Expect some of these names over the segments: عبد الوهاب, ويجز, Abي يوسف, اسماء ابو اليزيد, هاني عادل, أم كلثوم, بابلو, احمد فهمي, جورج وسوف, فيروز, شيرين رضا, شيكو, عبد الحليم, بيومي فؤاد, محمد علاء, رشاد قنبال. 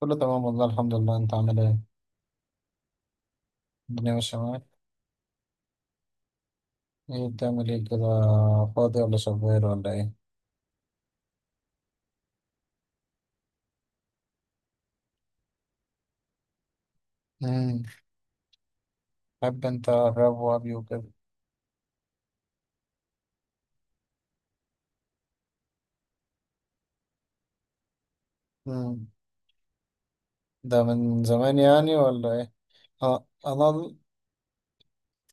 كله تمام، والله الحمد لله. انت عامل ايه؟ الدنيا ماشية معاك؟ ايه بتعمل ايه كده؟ فاضي ولا شغال ولا ايه؟ امم بحب انت الراب وابي وكده؟ امم ده من زمان يعني ولا ايه؟ اه، انا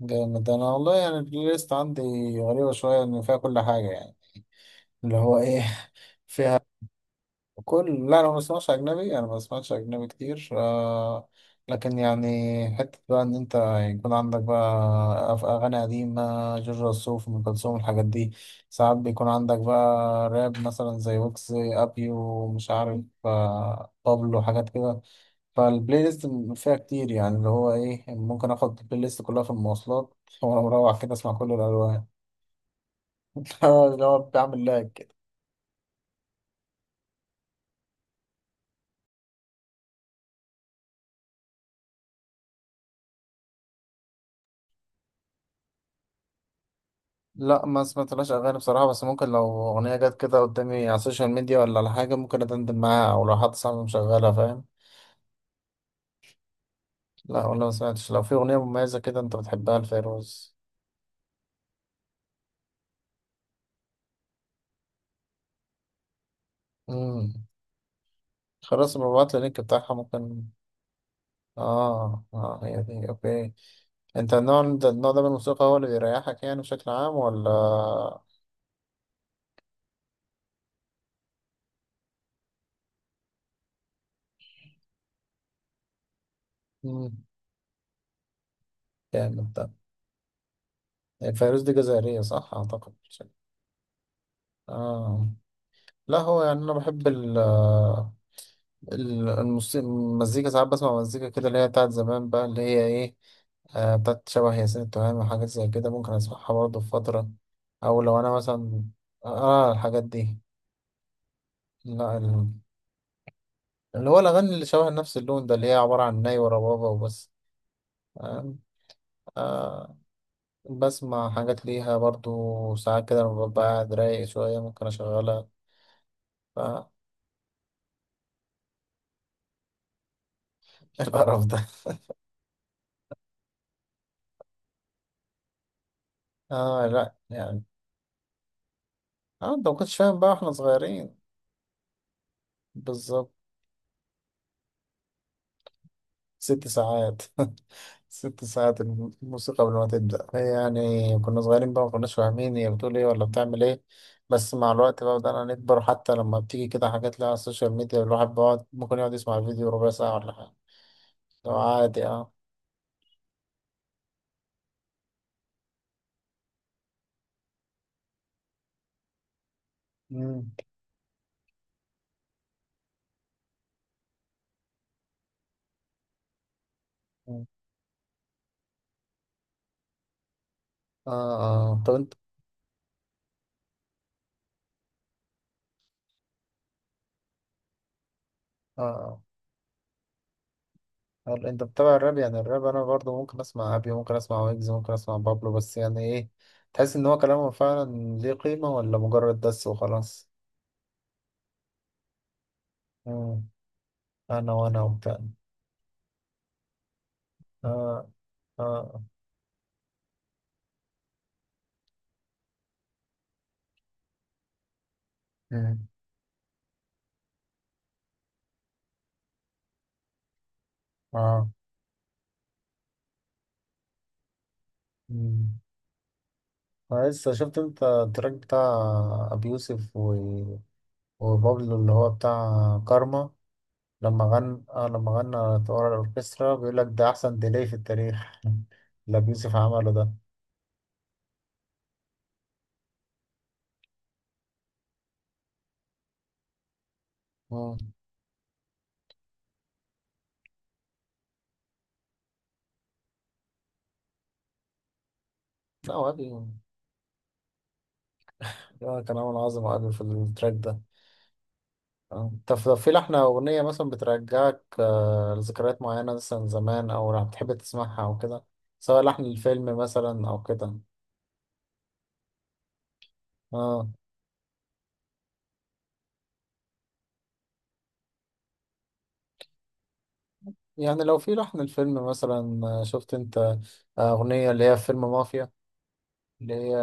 جامد انا والله. يعني البلاي ليست عندي غريبة شوية ان فيها كل حاجة، يعني اللي هو ايه. فيها كل، لا انا ما بسمعش اجنبي، انا ما بسمعش اجنبي كتير آه. لكن يعني حته بقى ان انت يكون عندك بقى اغاني قديمه، جورج وسوف، ام كلثوم، الحاجات دي. ساعات بيكون عندك بقى راب مثلا زي ويكس، ابيو، مش عارف، بابلو، حاجات كده. فالبلاي ليست فيها كتير، يعني اللي هو ايه، ممكن اخد البلاي ليست كلها في المواصلات وانا مروح كده اسمع كل الالوان. اللي هو بعمل لاج. لا ما سمعتلاش اغاني بصراحه، بس ممكن لو اغنيه جت كده قدامي على السوشيال ميديا ولا على حاجه ممكن ادندن معاها، او لو حد صاحبي مشغلها فاهم. لا، ولا ما سمعتش. لو في اغنيه مميزه كده انت بتحبها لفيروز. امم خلاص، ببعت لي اللينك بتاعها ممكن. اه اه، هي دي اوكي. انت النوع ده من الموسيقى هو اللي بيريحك يعني بشكل عام ولا؟ امم جامد ده. هي فيروز دي جزائريه، صح اعتقد؟ اه، لا هو يعني انا بحب الموسيقى، المزيكا. ساعات بسمع مزيكا كده اللي هي بتاعت زمان بقى، اللي هي ايه، بتاعت شبه ياسين التهامي وحاجات زي كده ممكن اسمعها برضه في فترة. او لو انا مثلا اه الحاجات دي. لا اللي هو الاغاني اللي شبه نفس اللون ده اللي هي عبارة عن ناي وربابة وبس. آه. آه، بسمع حاجات ليها برضه ساعات كده لما ببقى قاعد رايق شوية ممكن اشغلها. ف القرف ده. اه، لا يعني. اه انت ما كنتش فاهم بقى واحنا صغيرين. بالظبط. 6 ساعات 6 ساعات الموسيقى قبل ما تبدأ هي يعني. كنا صغيرين بقى ما كناش فاهمين هي بتقول ايه ولا بتعمل ايه. بس مع الوقت بقى بدأنا نكبر، حتى لما بتيجي كده حاجات لها على السوشيال ميديا الواحد بيقعد ممكن يقعد يسمع الفيديو ربع ساعة ولا حاجة. لو عادي اه. مم. مم. اه اه، طب انت. اه آه. هل انت بتتابع الراب؟ يعني الراب انا برضو ممكن اسمع ابي، ممكن اسمع ويجز، ممكن اسمع بابلو، بس يعني ايه، تحس ان هو كلامه فعلا ليه قيمة ولا مجرد دس وخلاص. مم. انا وانا وبتاع. اه اه. مم. اه. مم. أنا لسه شفت انت التراك بتاع ابي يوسف وبابلو اللي هو بتاع كارما. لما غنى ورا الاوركسترا، بيقول لك ده احسن ديلي في التاريخ اللي ابي يوسف عمله ده. مم. لا، وابي كان عامل عظمة ابي في التراك ده. آه. طب في لحنة أغنية مثلا بترجعك لذكريات معينة مثلا زمان أو بتحب تسمعها أو كده، سواء لحن الفيلم مثلا أو كده. آه. يعني لو في لحن الفيلم مثلا، شفت انت أغنية اللي هي في فيلم مافيا، اللي هي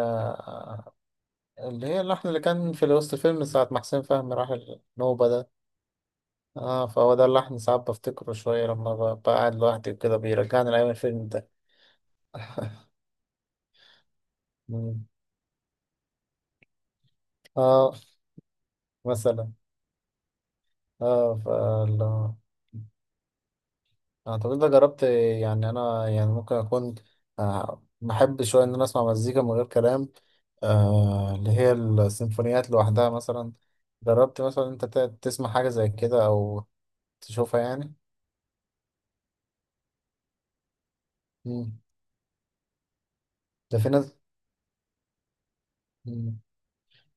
اللي هي اللحن اللي كان في وسط الفيلم ساعة ما حسين فهمي راح النوبة ده. اه، فهو ده اللحن ساعات بفتكره شوية لما بقعد لوحدي وكده بيرجعني لأيام الفيلم ده. مم. اه مثلا. اه فالله اعتقد ده جربت. يعني انا يعني ممكن اكون بحب شويه ان انا اسمع مزيكا من غير كلام، اللي هي السيمفونيات لوحدها مثلا. جربت مثلا انت تسمع حاجه زي كده او تشوفها يعني. مم. ده في ناس. مم.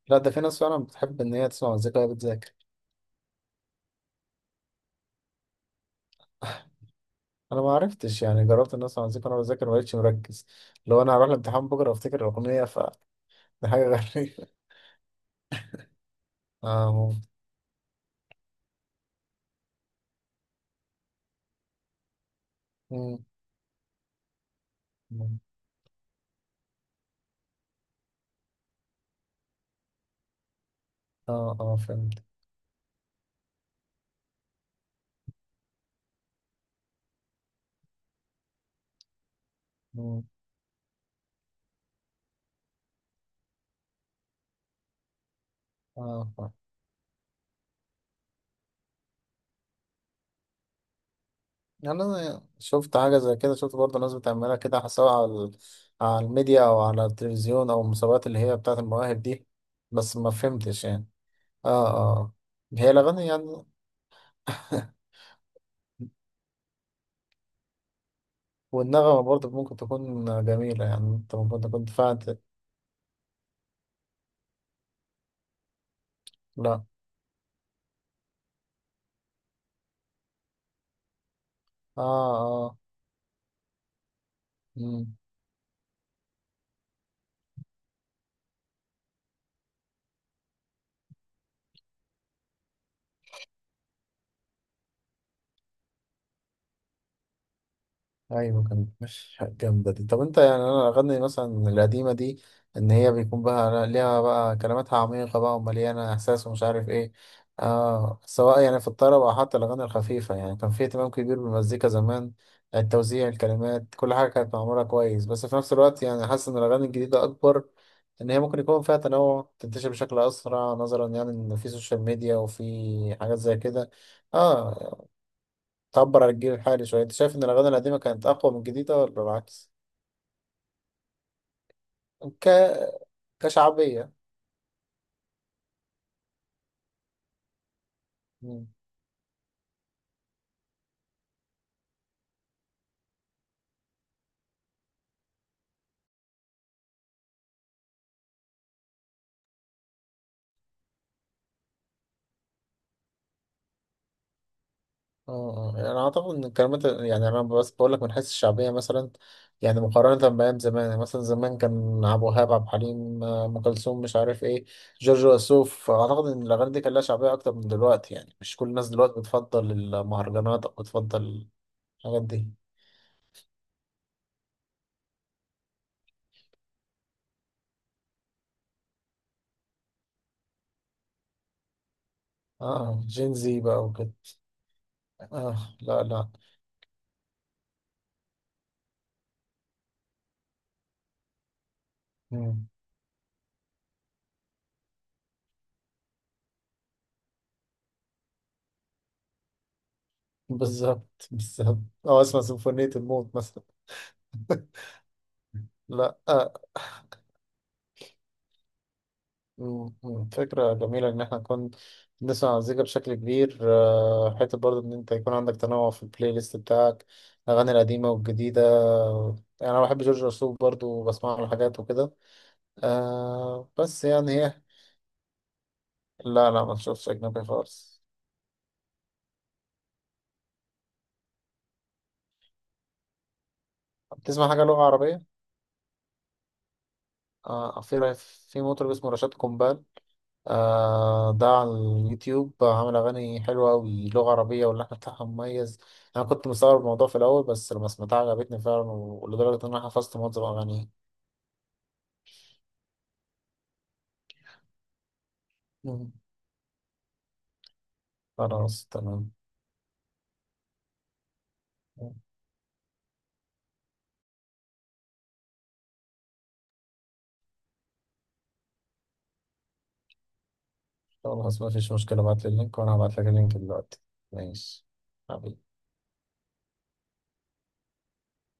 لا، ده في ناس فعلا بتحب ان هي تسمع مزيكا وهي بتذاكر. انا ما عرفتش، يعني جربت ان اسمع مزيكا وانا بذاكر ما بقتش مركز. لو انا هروح الامتحان بكره وافتكر الاغنيه فدي حاجه غريبه. اه ممكن. مم. مم. اه اه فهمت. مم. اه آه. يعني أنا شفت حاجة زي كده، شفت برضه ناس بتعملها كده، سواء على على الميديا أو على التلفزيون أو المسابقات اللي هي بتاعة المواهب دي. بس ما فهمتش يعني. اه اه آه. هي الأغاني يعني والنغمة برضه ممكن تكون جميلة، يعني أنت ممكن تكون فعلا. لا. اه اه. مم. ايوه، كانت مش جامده دي. طب انت يعني انا اغني مثلا القديمه دي، ان هي بيكون بقى ليها بقى كلماتها عميقه بقى ومليانه احساس ومش عارف ايه. آه، سواء يعني في الطرب او حتى الاغاني الخفيفه يعني كان في اهتمام كبير بالمزيكا زمان. التوزيع، الكلمات، كل حاجه كانت معموله كويس. بس في نفس الوقت يعني حاسس ان الاغاني الجديده اكبر، ان هي ممكن يكون فيها تنوع، تنتشر بشكل اسرع نظرا يعني ان في سوشيال ميديا وفي حاجات زي كده. اه، تعبر عن الجيل الحالي شوية. أنت شايف إن الأغاني القديمة كانت أقوى من الجديدة ولا العكس؟ ك... كشعبية. مم. اه آه. يعني أعتقد إن الكلمات، يعني أنا بس بقول لك من حيث الشعبية مثلا، يعني مقارنة بأيام زمان. يعني مثلا زمان كان عبد الوهاب، عبد الحليم، أم كلثوم، مش عارف إيه، جورج وسوف. أعتقد إن الأغاني دي كان لها شعبية أكتر من دلوقتي، يعني مش كل الناس دلوقتي بتفضل المهرجانات أو بتفضل الحاجات دي. اه، جين زي بقى وكده. اه، لا لا. مم. بالظبط بالظبط. أو أسمع سيمفونية الموت مثلا. لا، فكرة جميلة إن إحنا نكون بنسمع مزيكا بشكل كبير، حتة برضه إن أنت يكون عندك تنوع في البلاي ليست بتاعك، الأغاني القديمة والجديدة. يعني أنا بحب جورج وسوف برضه وبسمع له حاجات وكده، بس يعني هي. لا لا، ما تشوفش أجنبي خالص. بتسمع حاجة لغة عربية؟ آه، في في مطرب اسمه رشاد قنبال. ده على اليوتيوب، عامل أغاني حلوة أوي لغة عربية واللحن بتاعها مميز. أنا كنت مستغرب الموضوع في الأول، بس لما سمعتها عجبتني فعلا، ولدرجة إن أنا حفظت معظم أغانيه. مم. خلاص تمام. خلاص، مفيش مشكلة. ابعتلي اللينك وأنا هبعتلك اللينك دلوقتي. ماشي. حبيبي.